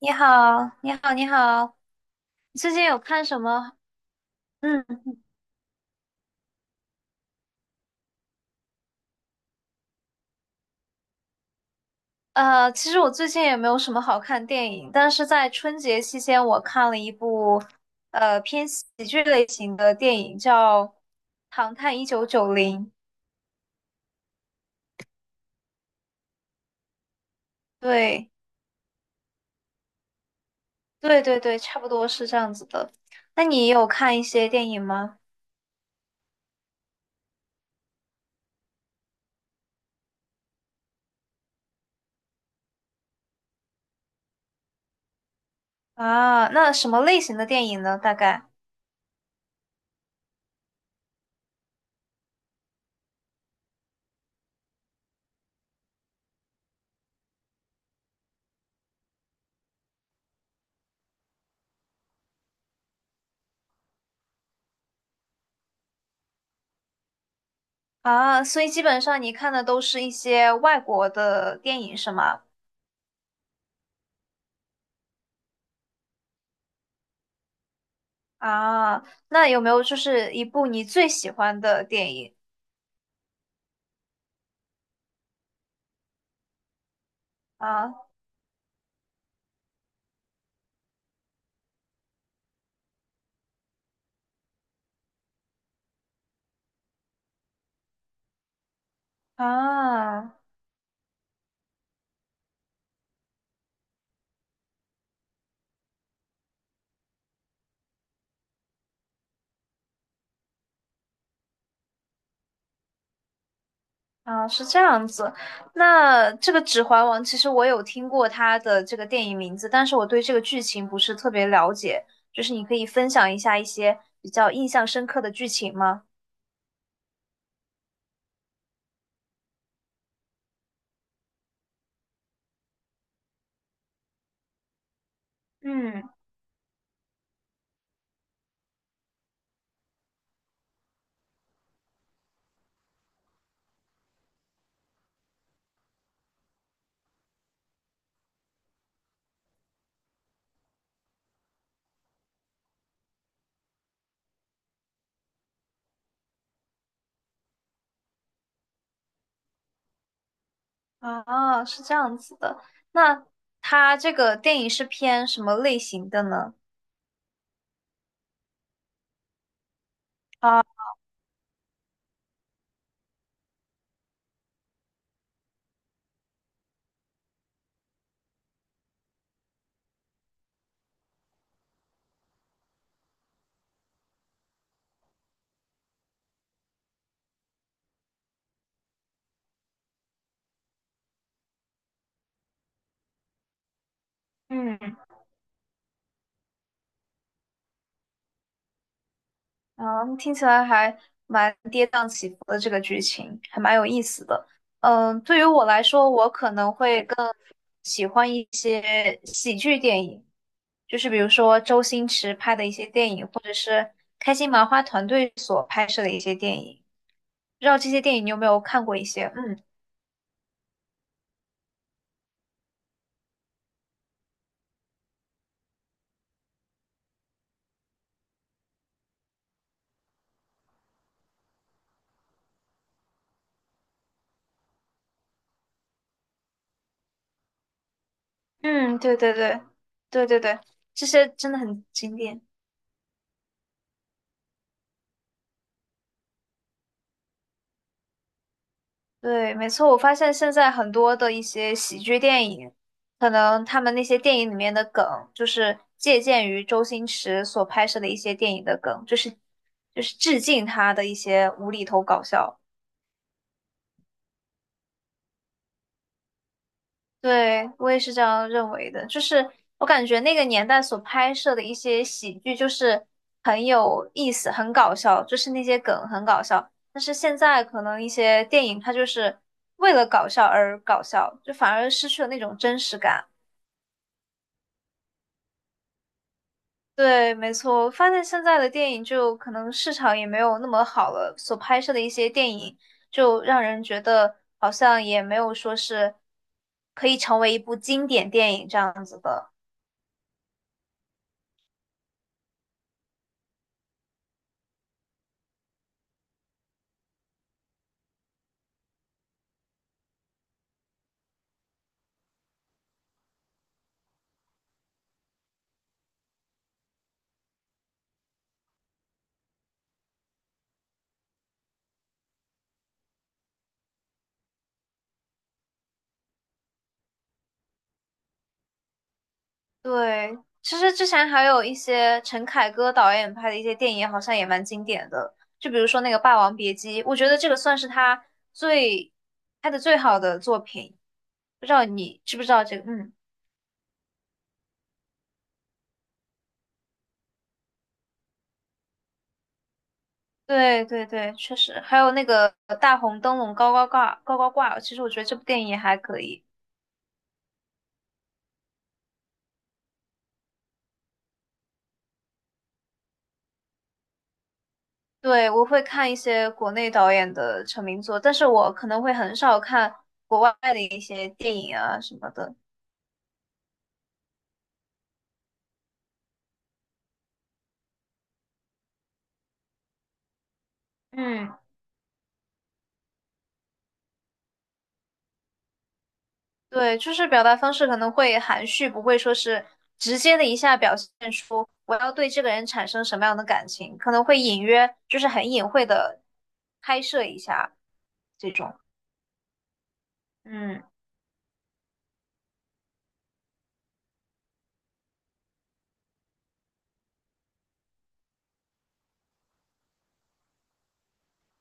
你好，你好，你好，你最近有看什么？嗯，其实我最近也没有什么好看电影，但是在春节期间，我看了一部偏喜剧类型的电影，叫《唐探一九九零》。对，对对对，差不多是这样子的。那你有看一些电影吗？啊，那什么类型的电影呢？大概啊，所以基本上你看的都是一些外国的电影，是吗？啊，那有没有就是一部你最喜欢的电影啊啊啊？是这样子。那这个《指环王》其实我有听过它的这个电影名字，但是我对这个剧情不是特别了解。就是你可以分享一下一些比较印象深刻的剧情吗？嗯啊，是这样子的。那它这个电影是偏什么类型的呢？啊，嗯。嗯，听起来还蛮跌宕起伏的这个剧情，还蛮有意思的。嗯，对于我来说，我可能会更喜欢一些喜剧电影，就是比如说周星驰拍的一些电影，或者是开心麻花团队所拍摄的一些电影。不知道这些电影你有没有看过一些？嗯嗯，对对对对对对，这些真的很经典。对，没错，我发现现在很多的一些喜剧电影，可能他们那些电影里面的梗，就是借鉴于周星驰所拍摄的一些电影的梗，就是致敬他的一些无厘头搞笑。对，我也是这样认为的，就是我感觉那个年代所拍摄的一些喜剧，就是很有意思，很搞笑，就是那些梗很搞笑。但是现在可能一些电影，它就是为了搞笑而搞笑，就反而失去了那种真实感。对，没错，我发现现在的电影就可能市场也没有那么好了，所拍摄的一些电影就让人觉得好像也没有说是可以成为一部经典电影这样子的。对，其实之前还有一些陈凯歌导演拍的一些电影，好像也蛮经典的，就比如说那个《霸王别姬》，我觉得这个算是他最拍的最好的作品，不知道你知不知道这个？嗯。对对对，确实，还有那个大红灯笼高高挂，其实我觉得这部电影也还可以。对，我会看一些国内导演的成名作，但是我可能会很少看国外的一些电影啊什么的。嗯，对，就是表达方式可能会含蓄，不会说是直接的一下表现出我要对这个人产生什么样的感情，可能会隐约，就是很隐晦的拍摄一下这种。嗯。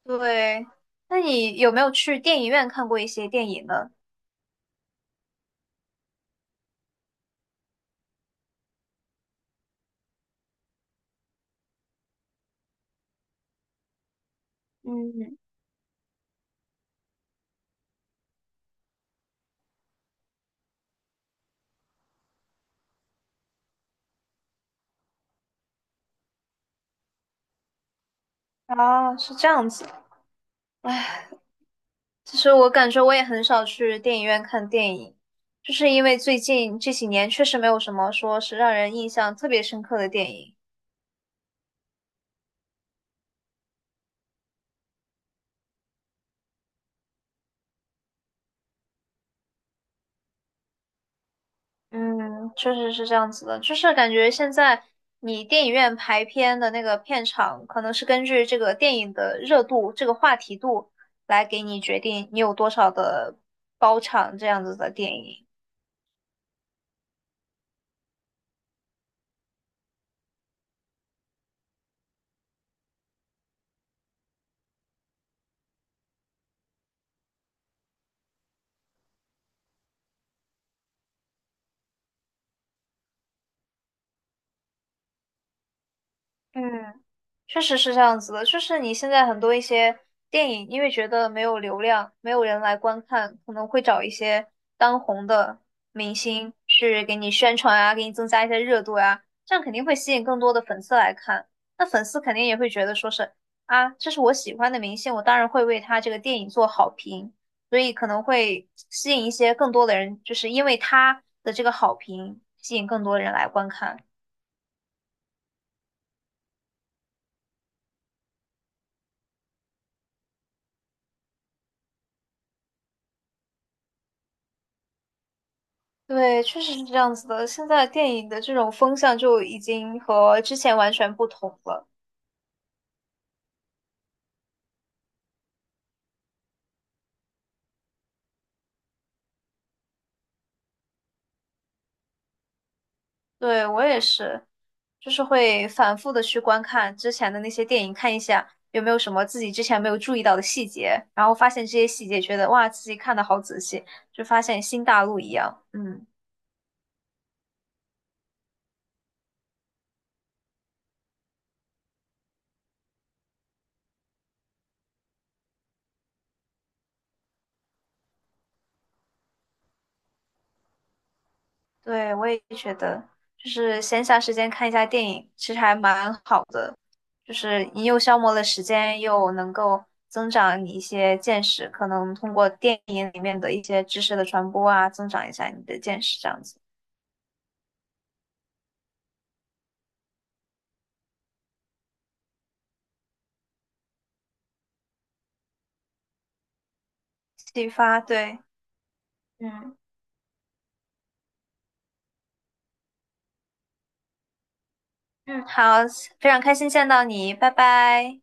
对，那你有没有去电影院看过一些电影呢？嗯，啊，是这样子。唉，其实我感觉我也很少去电影院看电影，就是因为最近这几年确实没有什么说是让人印象特别深刻的电影。嗯，确实是这样子的，就是感觉现在你电影院排片的那个片场，可能是根据这个电影的热度、这个话题度来给你决定你有多少的包场这样子的电影。嗯，确实是这样子的，就是你现在很多一些电影，因为觉得没有流量，没有人来观看，可能会找一些当红的明星去给你宣传啊，给你增加一些热度呀。这样肯定会吸引更多的粉丝来看。那粉丝肯定也会觉得说是啊，这是我喜欢的明星，我当然会为他这个电影做好评，所以可能会吸引一些更多的人，就是因为他的这个好评，吸引更多人来观看。对，确实是这样子的。现在电影的这种风向就已经和之前完全不同了。对，我也是，就是会反复的去观看之前的那些电影，看一下有没有什么自己之前没有注意到的细节，然后发现这些细节，觉得哇，自己看的好仔细，就发现新大陆一样。嗯。对，我也觉得，就是闲暇时间看一下电影，其实还蛮好的，就是你又消磨了时间，又能够增长你一些见识，可能通过电影里面的一些知识的传播啊，增长一下你的见识，这样子启发。对，嗯嗯，好，非常开心见到你，拜拜。